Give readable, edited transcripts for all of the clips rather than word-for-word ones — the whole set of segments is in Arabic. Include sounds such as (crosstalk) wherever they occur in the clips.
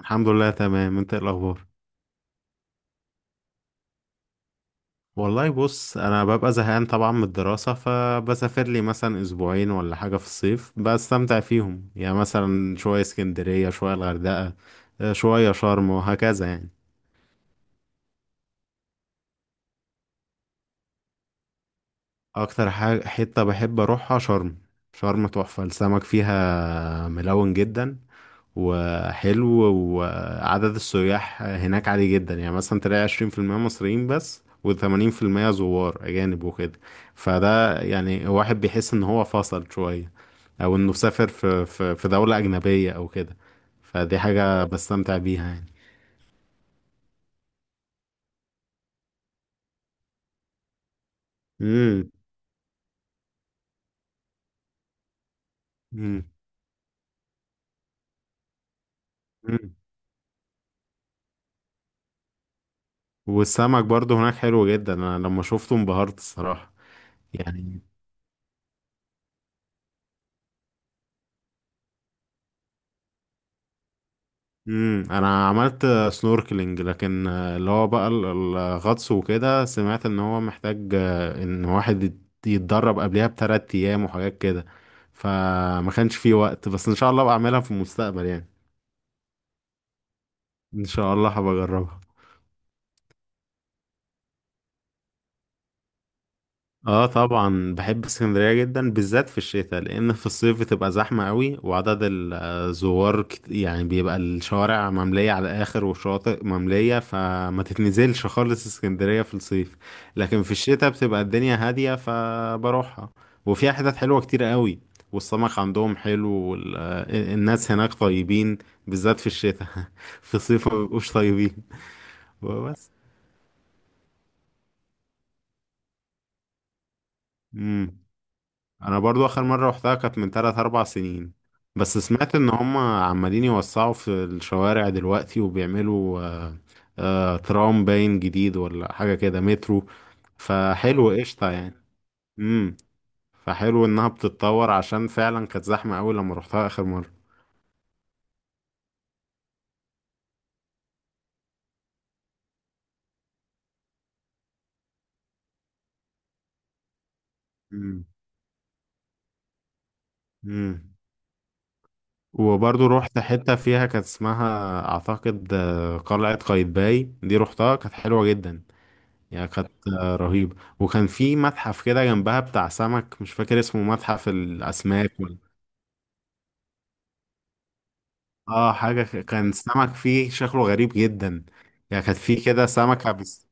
الحمد لله، تمام. انت ايه الاخبار؟ والله بص، انا ببقى زهقان طبعا من الدراسة، فبسافر لي مثلا اسبوعين ولا حاجة في الصيف بستمتع فيهم، يعني مثلا شوية اسكندرية، شوية الغردقة، شوية شرم وهكذا يعني. اكتر حاجة حتة بحب اروحها شرم. شرم تحفة، السمك فيها ملون جدا وحلو. وعدد السياح هناك عالي جدا، يعني مثلا تلاقي 20% مصريين بس، وثمانين في المية زوار أجانب وكده. فده يعني واحد بيحس إن هو فصل شوية، أو إنه سافر في دولة أجنبية أو كده. فدي حاجة بستمتع بيها يعني. مم. مم. مم. والسمك برضه هناك حلو جدا، أنا لما شفته انبهرت الصراحة، يعني. انا عملت سنوركلينج، لكن اللي هو بقى الغطس، وكده سمعت ان هو محتاج ان واحد يتدرب قبلها بـ3 ايام وحاجات كده. فما كانش فيه وقت، بس ان شاء الله بعملها في المستقبل يعني. ان شاء الله هبجربها. اه طبعا بحب اسكندرية جدا، بالذات في الشتاء، لان في الصيف بتبقى زحمة قوي وعدد الزوار يعني بيبقى الشوارع مملية على الاخر، والشواطئ مملية، فما تتنزلش خالص اسكندرية في الصيف. لكن في الشتاء بتبقى الدنيا هادية، فبروحها. وفيها حتت حلوة كتير قوي، والسمك عندهم حلو، والناس هناك طيبين، بالذات في الشتاء. (laughs) في الصيف ما بيبقوش طيبين. وبس. انا برضو اخر مرة روحتها كانت من 3 4 سنين. بس سمعت ان هم عمالين يوسعوا في الشوارع دلوقتي، وبيعملوا ترام باين جديد ولا حاجة كده، مترو. فحلو، قشطة يعني. امم فحلو انها بتتطور، عشان فعلا كانت زحمة قوي لما روحتها اخر مرة. امم. امم. وبرضو روحت حتة فيها كانت اسمها، اعتقد قلعة قايتباي، دي روحتها كانت حلوة جدا. يا كانت رهيبة. وكان في متحف كده جنبها بتاع سمك، مش فاكر اسمه، متحف الأسماك ولا. اه حاجة كان سمك فيه شكله غريب جدا. يا كانت في كده سمكة بس.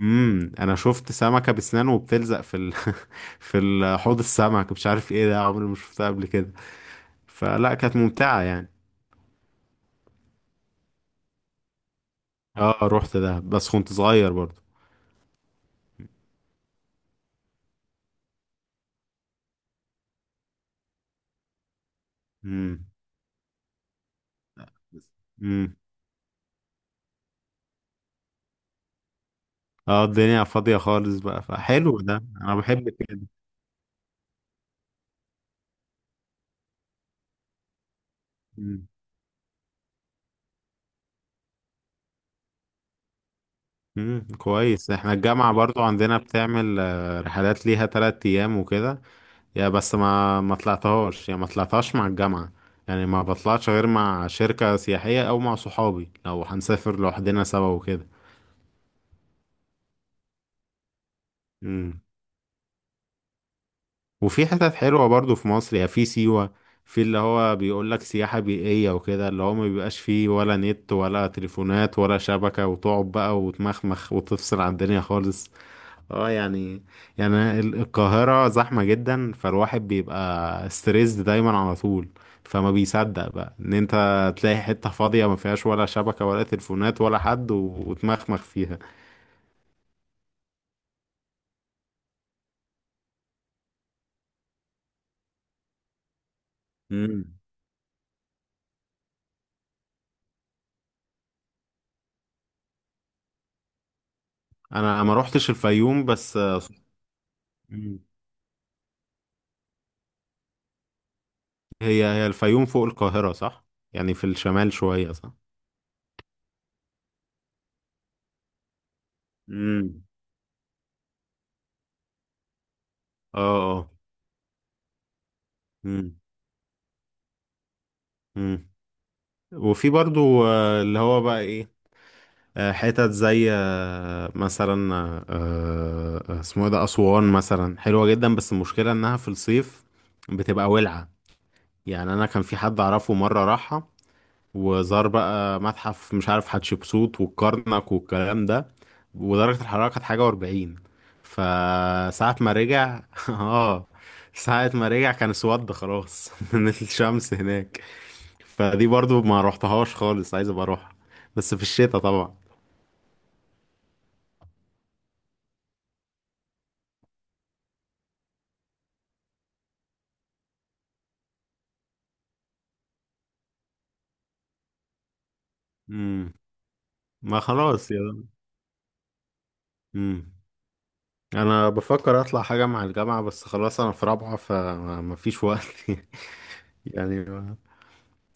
انا شفت سمكة بسنان وبتلزق (laughs) حوض السمك، مش عارف ايه ده، عمري ما شفتها قبل كده. فلا كانت ممتعة يعني. اه رحت ده، بس كنت صغير برضو. امم. امم. اه الدنيا فاضية خالص بقى، فحلو ده، انا بحب كده. مم. كويس، احنا الجامعة برضو عندنا بتعمل رحلات ليها 3 ايام وكده. يا بس ما طلعتهاش، يعني ما طلعتهاش مع الجامعة. يعني ما بطلعش غير مع شركة سياحية، او مع صحابي لو هنسافر لوحدنا سوا وكده. امم وفي حتت حلوة برضو في مصر، يعني في سيوة. في اللي هو بيقول لك سياحة بيئية وكده، اللي هو ما بيبقاش فيه ولا نت ولا تليفونات ولا شبكة، وتقعد بقى وتمخمخ وتفصل عن الدنيا خالص. اه يعني القاهرة زحمة جدا، فالواحد بيبقى ستريسد دايما على طول. فما بيصدق بقى ان انت تلاقي حتة فاضية ما فيهاش ولا شبكة ولا تليفونات ولا حد، و- وتمخمخ فيها. مم. انا ما روحتش الفيوم، بس مم. هي هي الفيوم فوق القاهرة، صح؟ يعني في الشمال شوية، صح؟ امم. اه. اه. امم. امم. وفي برضو اللي هو بقى ايه، حتت زي مثلا اسمه ايه ده، أسوان مثلا حلوة جدا، بس المشكلة انها في الصيف بتبقى ولعة. يعني انا كان في حد اعرفه مرة راحها، وزار بقى متحف، مش عارف حتشبسوت والكرنك والكلام ده، ودرجة الحرارة كانت حاجة و40. فساعة ما رجع (laughs) اه، ساعة ما رجع كان اسود خلاص (laughs) من الشمس هناك. فدي برضو ما روحتهاش خالص، عايز ابقى اروحها، بس في الشتاء طبعا. مم. ما خلاص يا. امم انا بفكر اطلع حاجه مع الجامعه، بس خلاص انا في رابعه فما فيش وقت. (laughs) يعني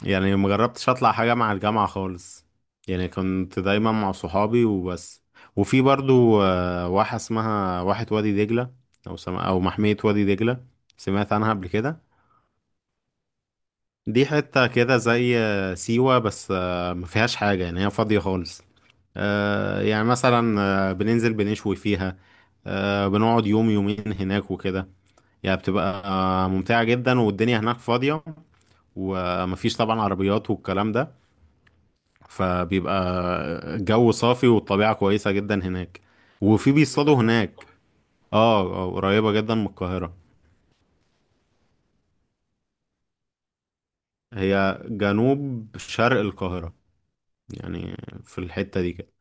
يعني ما جربتش اطلع حاجه مع الجامعه خالص، يعني كنت دايما مع صحابي وبس. وفي برضو واحه اسمها واحه وادي دجله، او محميه وادي دجله، سمعت عنها قبل كده. دي حتة كده زي سيوة، بس ما فيهاش حاجة، يعني هي فاضية خالص. يعني مثلا بننزل بنشوي فيها، بنقعد يوم يومين هناك وكده. يعني بتبقى ممتعة جدا، والدنيا هناك فاضية، ومفيش طبعا عربيات والكلام ده. فبيبقى الجو صافي، والطبيعة كويسة جدا هناك. وفي بيصطادوا هناك. اه، قريبة جدا من القاهرة. هي جنوب شرق القاهرة، يعني في الحتة دي كده.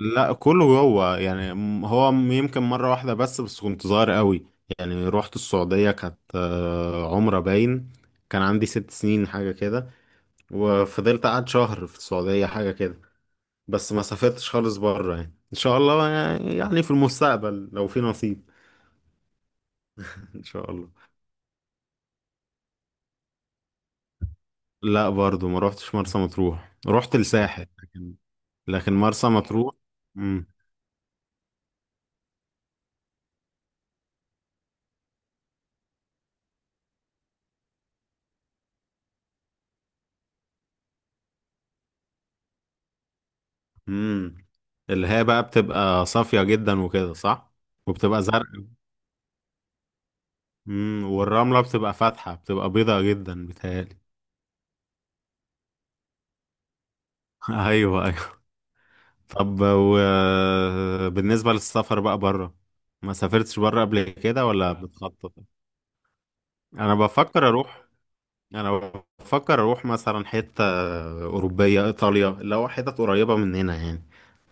لا كله جوه، يعني هو يمكن مرة واحدة بس كنت صغير قوي. يعني رحت السعودية، كانت عمرة باين. كان عندي 6 سنين حاجة كده، وفضلت قعد شهر في السعودية حاجة كده. بس ما سافرتش خالص بره، يعني ان شاء الله يعني في المستقبل لو في نصيب. (laughs) ان شاء الله. لا برضو، ما روحتش مرسى مطروح، رحت الساحل. لكن مرسى مطروح. امم. امم. اللي هي بقى بتبقى صافية جدا وكده، صح؟ وبتبقى زرقاء. امم. والرملة بتبقى فاتحة، بتبقى بيضة جدا بتهيألي. (laughs) ايوه، ايوه. طب وبالنسبة للسفر بقى بره، ما سافرتش بره قبل كده ولا بتخطط؟ انا بفكر اروح انا بفكر اروح مثلا حتة اوروبية، ايطاليا، اللي هو حتت قريبة مننا يعني،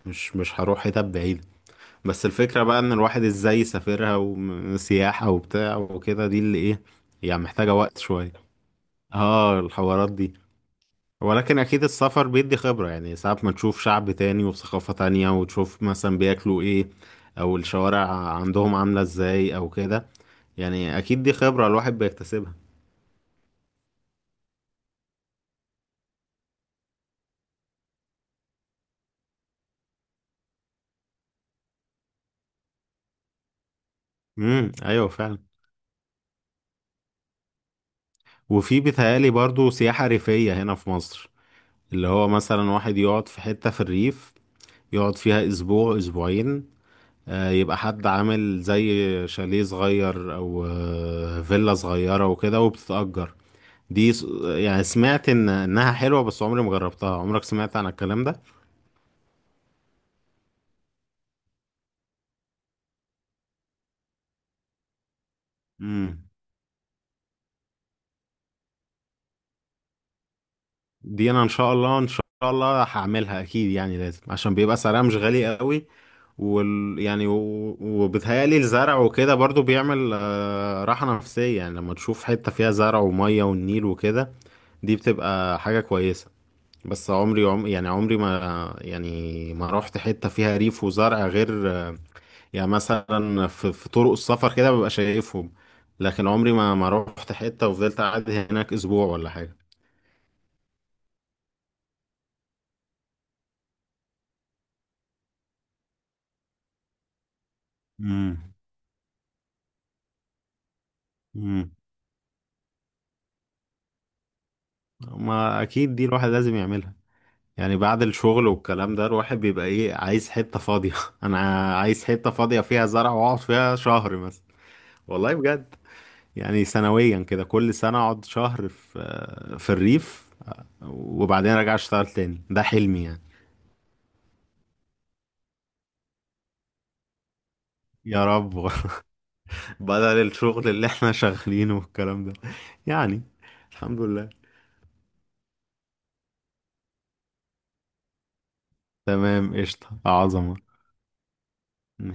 مش هروح حتت بعيدة. بس الفكرة بقى ان الواحد ازاي يسافرها، وسياحة وبتاع وكده، دي اللي ايه؟ يعني محتاجة وقت شوية. اه الحوارات دي. ولكن أكيد السفر بيدي خبرة، يعني ساعات ما تشوف شعب تاني وثقافة تانية، وتشوف مثلا بياكلوا إيه، أو الشوارع عندهم عاملة إزاي أو كده. يعني أكيد دي خبرة الواحد بيكتسبها. امم، أيوة فعلا. وفي بيتهيألي برضو سياحة ريفية هنا في مصر، اللي هو مثلا واحد يقعد في حتة في الريف، يقعد فيها أسبوع أسبوعين، يبقى حد عامل زي شاليه صغير، أو فيلا صغيرة وكده، وبتتأجر. دي يعني سمعت ان انها حلوة، بس عمري ما جربتها. عمرك سمعت عن الكلام ده؟ امم دي انا ان شاء الله، ان شاء الله هعملها اكيد، يعني لازم، عشان بيبقى سعرها مش غالي قوي. وال يعني و... وبتهيألي الزرع وكده برضو بيعمل راحة نفسية، يعني لما تشوف حتة فيها زرع ومية والنيل وكده، دي بتبقى حاجة كويسة. بس عمري يعني عمري ما يعني ما رحت حتة فيها ريف وزرع، غير يعني مثلا في طرق السفر كده ببقى شايفهم. لكن عمري ما رحت حتة وفضلت قاعد هناك اسبوع ولا حاجة. امم. امم. ما اكيد دي الواحد لازم يعملها. يعني بعد الشغل والكلام ده، الواحد بيبقى ايه، عايز حتة فاضية. (laughs) انا عايز حتة فاضية فيها زرع، واقعد فيها شهر مثلا. والله بجد. يعني سنويا كده، كل سنة اقعد شهر في الريف، وبعدين ارجع اشتغل تاني، ده حلمي يعني. يا رب. (laughs) بدل الشغل اللي احنا شغالينه والكلام ده يعني. الحمد لله، تمام، قشطة، عظمة.